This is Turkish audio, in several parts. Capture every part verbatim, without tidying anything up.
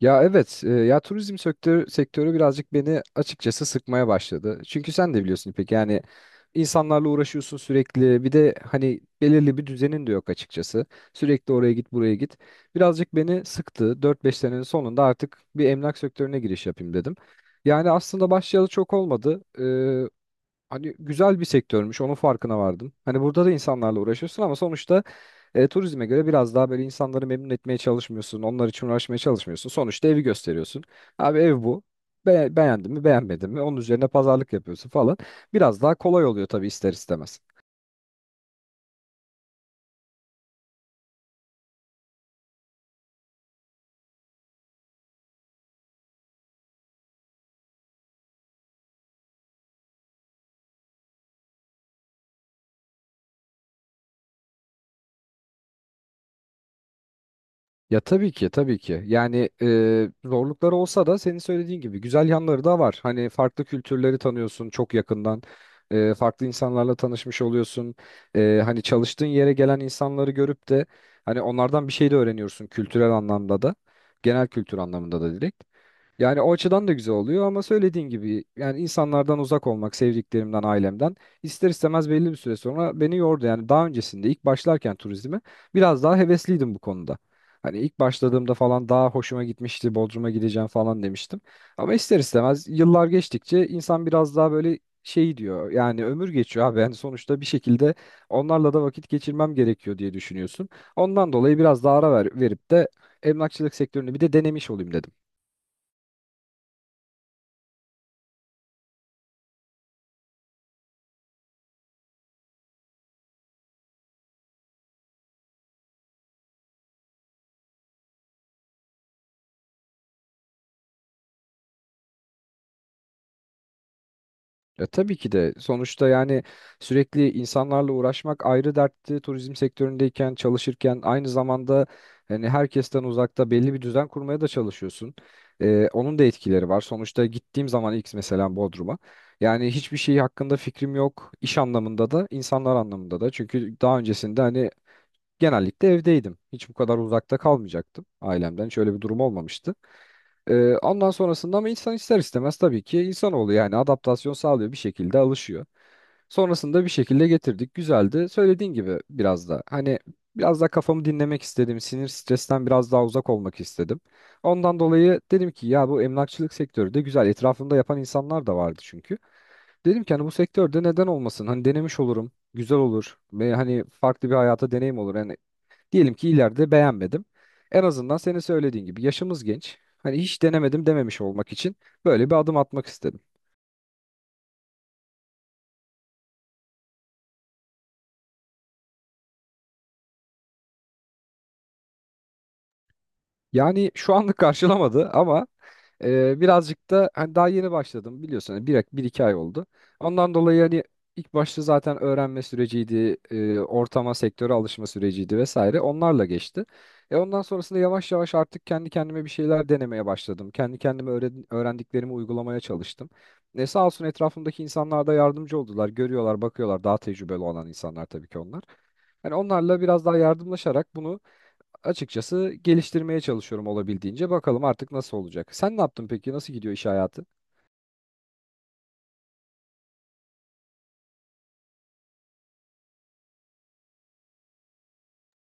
Ya evet, e, ya turizm sektörü, sektörü birazcık beni açıkçası sıkmaya başladı. Çünkü sen de biliyorsun İpek, yani insanlarla uğraşıyorsun sürekli. Bir de hani belirli bir düzenin de yok açıkçası. Sürekli oraya git, buraya git. Birazcık beni sıktı. Dört beş senenin sonunda artık bir emlak sektörüne giriş yapayım dedim. Yani aslında başlayalı çok olmadı, hani güzel bir sektörmüş onun farkına vardım. Hani burada da insanlarla uğraşıyorsun ama sonuçta e, turizme göre biraz daha böyle insanları memnun etmeye çalışmıyorsun. Onlar için uğraşmaya çalışmıyorsun. Sonuçta evi gösteriyorsun. Abi ev bu. Be beğendin mi beğenmedin mi onun üzerine pazarlık yapıyorsun falan. Biraz daha kolay oluyor tabii ister istemez. Ya tabii ki tabii ki. Yani e, zorlukları olsa da senin söylediğin gibi güzel yanları da var. Hani farklı kültürleri tanıyorsun çok yakından. E, farklı insanlarla tanışmış oluyorsun. E, hani çalıştığın yere gelen insanları görüp de hani onlardan bir şey de öğreniyorsun kültürel anlamda da. Genel kültür anlamında da direkt. Yani o açıdan da güzel oluyor ama söylediğin gibi yani insanlardan uzak olmak, sevdiklerimden, ailemden ister istemez belli bir süre sonra beni yordu. Yani daha öncesinde ilk başlarken turizme biraz daha hevesliydim bu konuda. Hani ilk başladığımda falan daha hoşuma gitmişti, Bodrum'a gideceğim falan demiştim. Ama ister istemez yıllar geçtikçe insan biraz daha böyle şey diyor. Yani ömür geçiyor abi. Yani sonuçta bir şekilde onlarla da vakit geçirmem gerekiyor diye düşünüyorsun. Ondan dolayı biraz daha ara ver, verip de emlakçılık sektörünü bir de denemiş olayım dedim. Ya tabii ki de sonuçta yani sürekli insanlarla uğraşmak ayrı dertti. Turizm sektöründeyken, çalışırken aynı zamanda hani herkesten uzakta belli bir düzen kurmaya da çalışıyorsun. Ee, onun da etkileri var. Sonuçta gittiğim zaman ilk mesela Bodrum'a yani hiçbir şey hakkında fikrim yok. İş anlamında da, insanlar anlamında da. Çünkü daha öncesinde hani genellikle evdeydim. Hiç bu kadar uzakta kalmayacaktım ailemden. Hiç öyle bir durum olmamıştı. Ee, ondan sonrasında ama insan ister istemez tabii ki insanoğlu yani adaptasyon sağlıyor, bir şekilde alışıyor. Sonrasında bir şekilde getirdik. Güzeldi. Söylediğin gibi biraz da hani biraz daha kafamı dinlemek istedim. Sinir stresten biraz daha uzak olmak istedim. Ondan dolayı dedim ki ya bu emlakçılık sektörü de güzel. Etrafımda yapan insanlar da vardı çünkü. Dedim ki hani bu sektörde neden olmasın? Hani denemiş olurum. Güzel olur. Ve hani farklı bir hayata deneyim olur. Yani diyelim ki ileride beğenmedim. En azından senin söylediğin gibi yaşımız genç. Hani hiç denemedim dememiş olmak için böyle bir adım atmak istedim. Yani şu anlık karşılamadı ama Ee, birazcık da hani daha yeni başladım biliyorsun, hani bir, bir iki ay oldu. Ondan dolayı hani ilk başta zaten öğrenme süreciydi, e, ortama, sektöre alışma süreciydi vesaire. Onlarla geçti. E ondan sonrasında yavaş yavaş artık kendi kendime bir şeyler denemeye başladım. Kendi kendime öğren- öğrendiklerimi uygulamaya çalıştım. E sağ olsun etrafımdaki insanlar da yardımcı oldular. Görüyorlar, bakıyorlar. Daha tecrübeli olan insanlar tabii ki onlar. Yani onlarla biraz daha yardımlaşarak bunu açıkçası geliştirmeye çalışıyorum olabildiğince. Bakalım artık nasıl olacak. Sen ne yaptın peki? Nasıl gidiyor iş hayatı?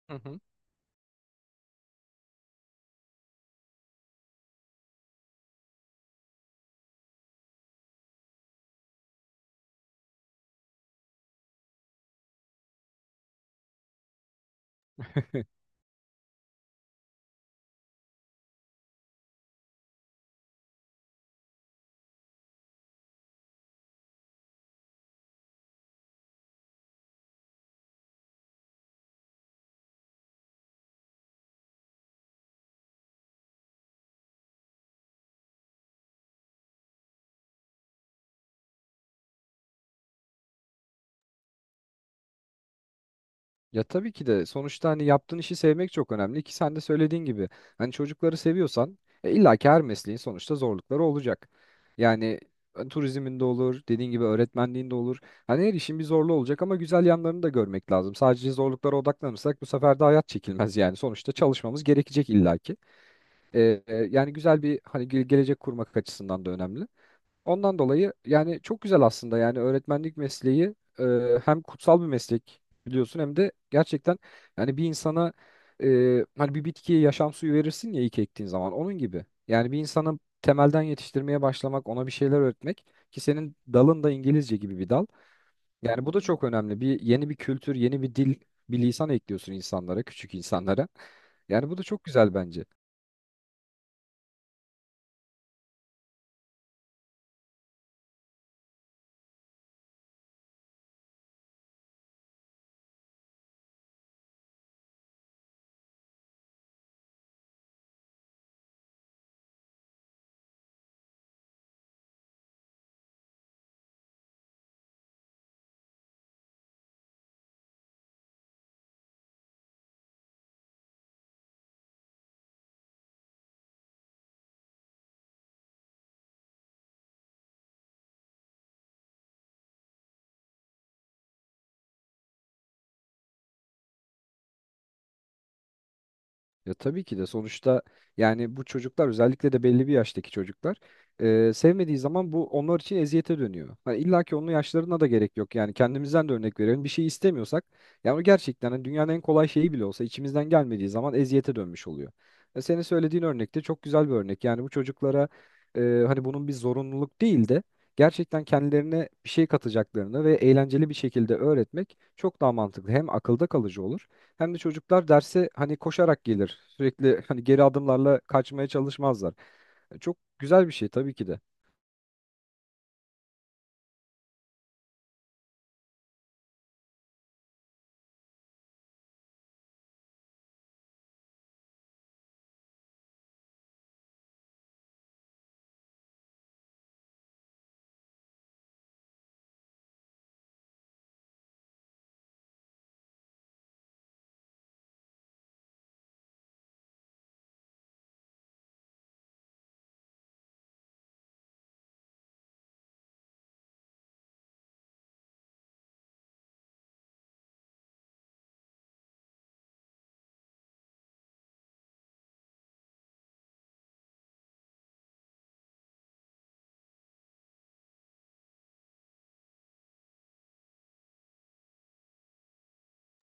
Hı hı. Ya tabii ki de sonuçta hani yaptığın işi sevmek çok önemli ki sen de söylediğin gibi hani çocukları seviyorsan, e, illa ki her mesleğin sonuçta zorlukları olacak. Yani e, turizmin de olur, dediğin gibi öğretmenliğin de olur. Hani her işin bir zorluğu olacak ama güzel yanlarını da görmek lazım. Sadece zorluklara odaklanırsak bu sefer de hayat çekilmez yani. Sonuçta çalışmamız gerekecek illa ki. E, e, yani güzel bir hani ge- gelecek kurmak açısından da önemli. Ondan dolayı yani çok güzel aslında yani öğretmenlik mesleği e, hem kutsal bir meslek biliyorsun hem de gerçekten yani bir insana, e, hani bir bitkiye yaşam suyu verirsin ya ilk ektiğin zaman onun gibi. Yani bir insanı temelden yetiştirmeye başlamak, ona bir şeyler öğretmek ki senin dalın da İngilizce gibi bir dal. Yani bu da çok önemli. Bir yeni bir kültür, yeni bir dil, bir lisan ekliyorsun insanlara, küçük insanlara. Yani bu da çok güzel bence. Ya tabii ki de sonuçta yani bu çocuklar, özellikle de belli bir yaştaki çocuklar, e, sevmediği zaman bu onlar için eziyete dönüyor. Hani illa ki onun yaşlarına da gerek yok, yani kendimizden de örnek verelim bir şey istemiyorsak yani o gerçekten hani dünyanın en kolay şeyi bile olsa içimizden gelmediği zaman eziyete dönmüş oluyor. E, senin söylediğin örnek de çok güzel bir örnek. Yani bu çocuklara e, hani bunun bir zorunluluk değil de gerçekten kendilerine bir şey katacaklarını ve eğlenceli bir şekilde öğretmek çok daha mantıklı, hem akılda kalıcı olur. Hem de çocuklar derse hani koşarak gelir. Sürekli hani geri adımlarla kaçmaya çalışmazlar. Çok güzel bir şey tabii ki de.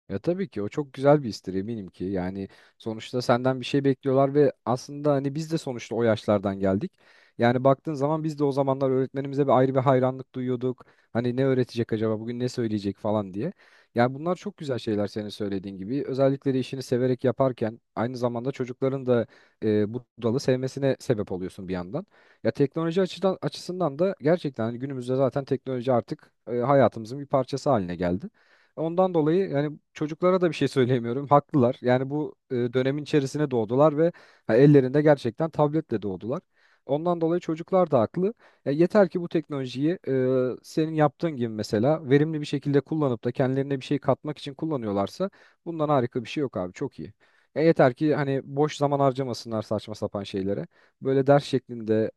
Ya tabii ki o çok güzel bir istir eminim ki. Yani sonuçta senden bir şey bekliyorlar ve aslında hani biz de sonuçta o yaşlardan geldik. Yani baktığın zaman biz de o zamanlar öğretmenimize bir ayrı bir hayranlık duyuyorduk. Hani ne öğretecek acaba bugün, ne söyleyecek falan diye. Yani bunlar çok güzel şeyler senin söylediğin gibi. Özellikle de işini severek yaparken aynı zamanda çocukların da e, bu dalı sevmesine sebep oluyorsun bir yandan. Ya teknoloji açıdan açısından da gerçekten hani günümüzde zaten teknoloji artık, e, hayatımızın bir parçası haline geldi. Ondan dolayı yani çocuklara da bir şey söyleyemiyorum. Haklılar. Yani bu e, dönemin içerisine doğdular ve ha, ellerinde gerçekten tabletle doğdular. Ondan dolayı çocuklar da haklı. Ya yeter ki bu teknolojiyi e, senin yaptığın gibi mesela verimli bir şekilde kullanıp da kendilerine bir şey katmak için kullanıyorlarsa bundan harika bir şey yok abi. Çok iyi. Ya yeter ki hani boş zaman harcamasınlar saçma sapan şeylere. Böyle ders şeklinde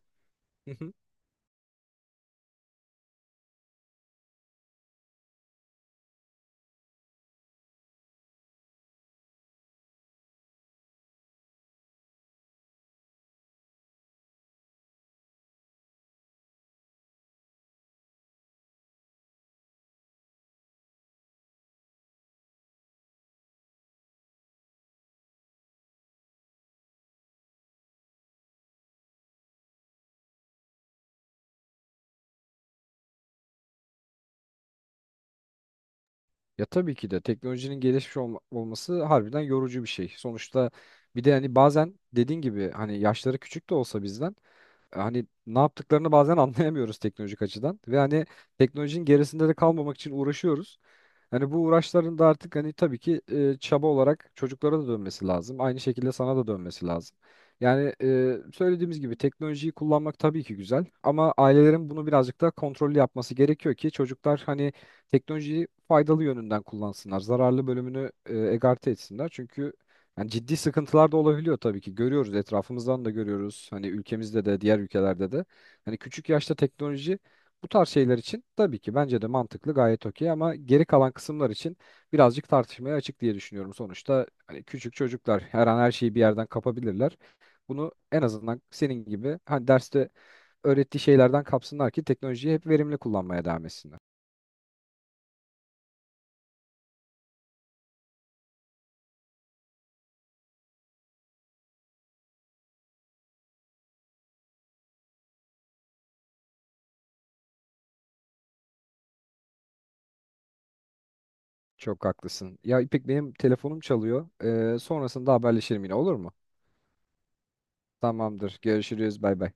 Ya tabii ki de teknolojinin gelişmiş olma- olması harbiden yorucu bir şey. Sonuçta bir de hani bazen dediğin gibi hani yaşları küçük de olsa bizden, e, hani ne yaptıklarını bazen anlayamıyoruz teknolojik açıdan, ve hani teknolojinin gerisinde de kalmamak için uğraşıyoruz. Hani bu uğraşların da artık hani tabii ki e, çaba olarak çocuklara da dönmesi lazım. Aynı şekilde sana da dönmesi lazım. Yani e, söylediğimiz gibi teknolojiyi kullanmak tabii ki güzel ama ailelerin bunu birazcık daha kontrollü yapması gerekiyor ki çocuklar hani teknolojiyi faydalı yönünden kullansınlar. Zararlı bölümünü e, egarte etsinler. Çünkü yani ciddi sıkıntılar da olabiliyor tabii ki. Görüyoruz, etrafımızdan da görüyoruz. Hani ülkemizde de diğer ülkelerde de. Hani küçük yaşta teknoloji bu tarz şeyler için tabii ki bence de mantıklı, gayet okey, ama geri kalan kısımlar için birazcık tartışmaya açık diye düşünüyorum. Sonuçta hani küçük çocuklar her an her şeyi bir yerden kapabilirler. Bunu en azından senin gibi hani derste öğrettiği şeylerden kapsınlar ki teknolojiyi hep verimli kullanmaya devam etsinler. Çok haklısın. Ya İpek, benim telefonum çalıyor. Ee, sonrasında haberleşelim yine, olur mu? Tamamdır. Görüşürüz. Bay bay.